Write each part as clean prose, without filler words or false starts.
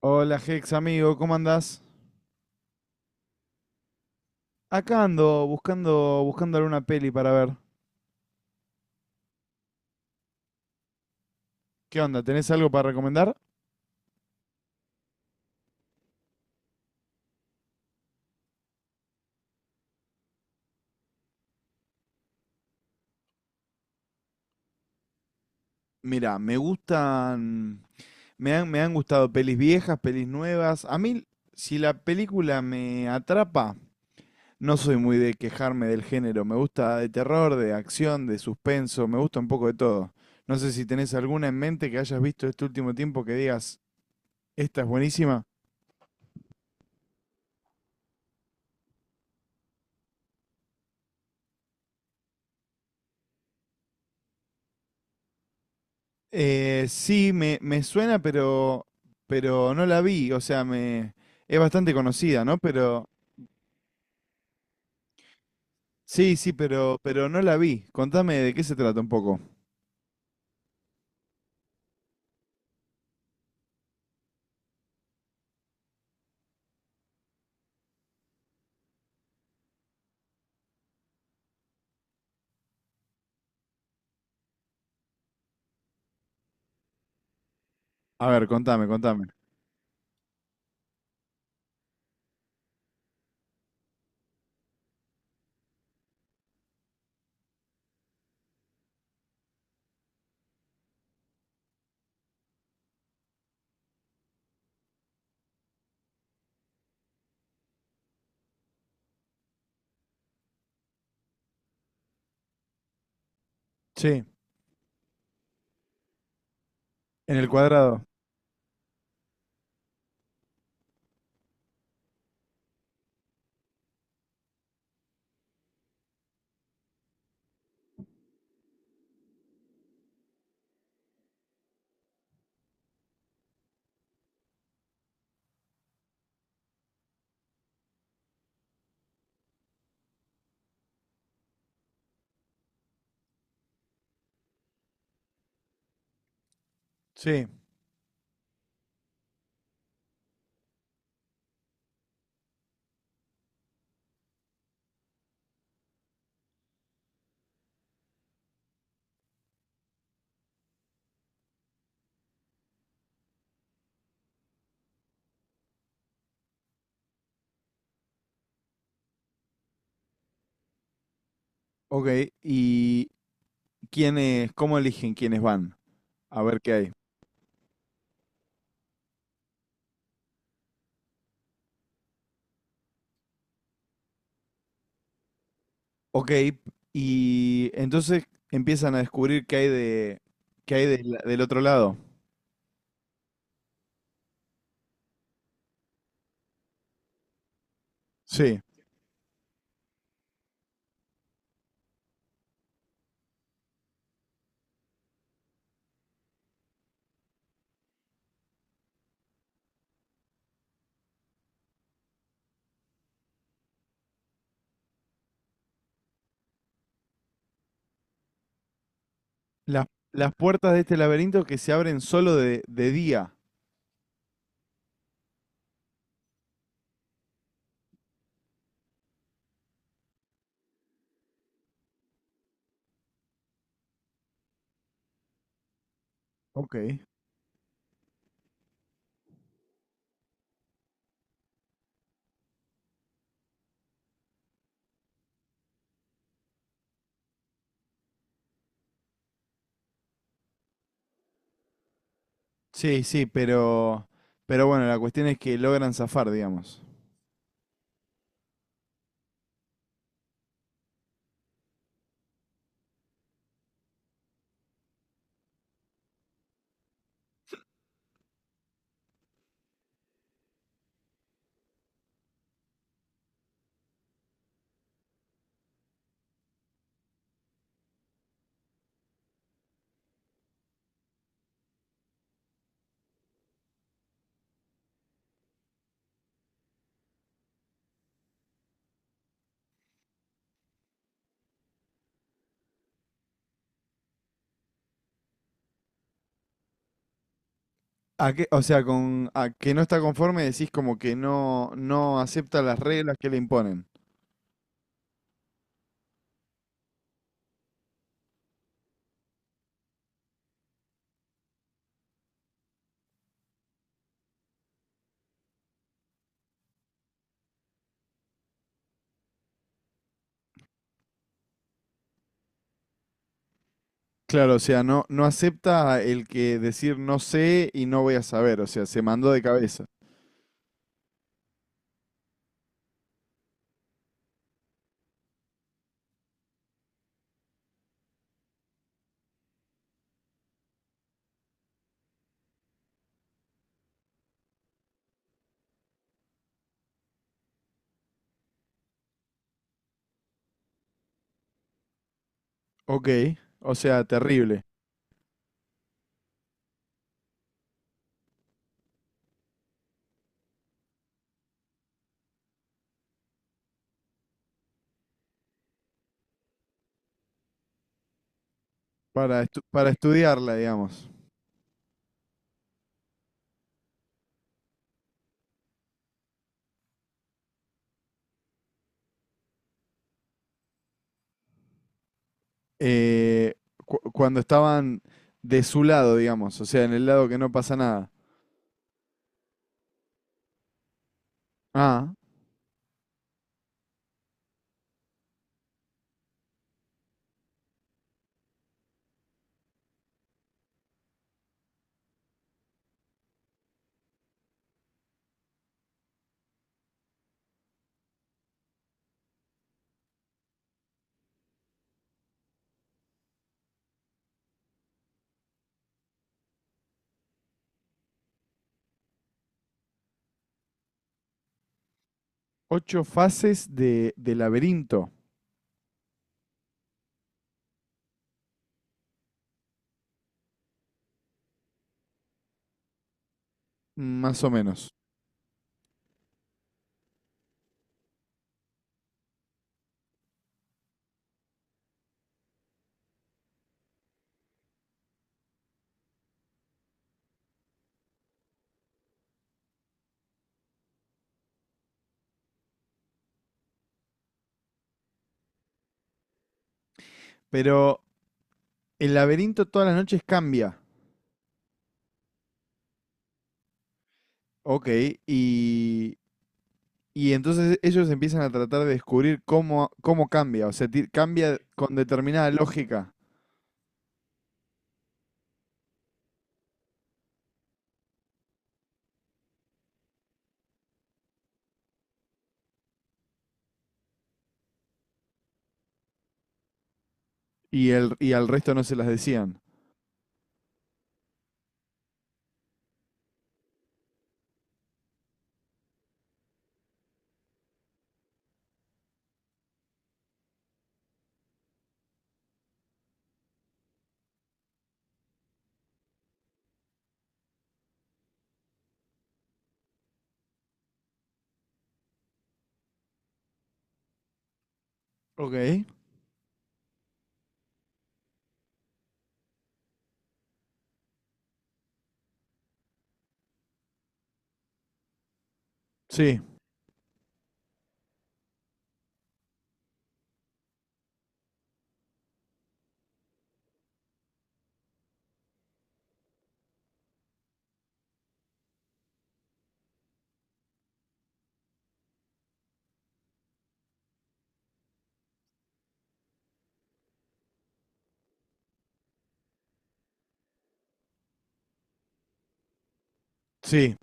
Hola Hex, amigo, ¿cómo andás? Acá ando buscando alguna peli para ver. ¿Qué onda? ¿Tenés algo para recomendar? Mira, me gustan, me han gustado pelis viejas, pelis nuevas. A mí, si la película me atrapa, no soy muy de quejarme del género. Me gusta de terror, de acción, de suspenso, me gusta un poco de todo. No sé si tenés alguna en mente que hayas visto este último tiempo que digas, esta es buenísima. Sí, me suena, pero no la vi. O sea, me, es bastante conocida, ¿no? Pero sí, sí, pero no la vi. Contame de qué se trata un poco. A ver, contame, contame. Sí, en el cuadrado. Sí, ok. ¿Y quiénes, cómo eligen quiénes van? A ver qué hay. Ok, y entonces empiezan a descubrir qué hay del otro lado. Sí. Las, las puertas de este laberinto que se abren solo de día. Ok. Sí, sí, pero bueno, la cuestión es que logran zafar, digamos. O sea, con a que no está conforme decís como que no, no acepta las reglas que le imponen. Claro, o sea, no, no acepta el que decir no sé y no voy a saber, o sea, se mandó de cabeza. Ok, o sea, terrible. Para estudiarla, digamos. Eh, Cuando estaban de su lado, digamos, o sea, en el lado que no pasa nada. Ah, 8 fases de laberinto. Más o menos. Pero el laberinto todas las noches cambia. Ok, y, y entonces ellos empiezan a tratar de descubrir cómo, cómo cambia. O sea, cambia con determinada lógica y, el, y al resto no se las decían. Ok. Sí, sí.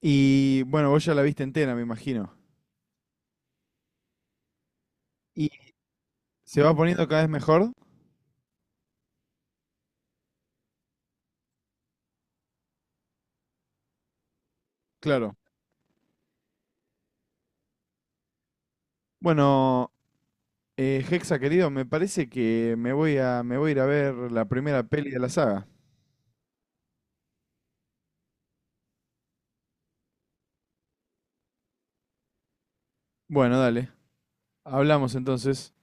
Y bueno, vos ya la viste entera, me imagino. ¿Y se va poniendo cada vez mejor? Claro. Bueno, Hexa, querido, me parece que me voy a ir a ver la primera peli de la saga. Bueno, dale. Hablamos entonces.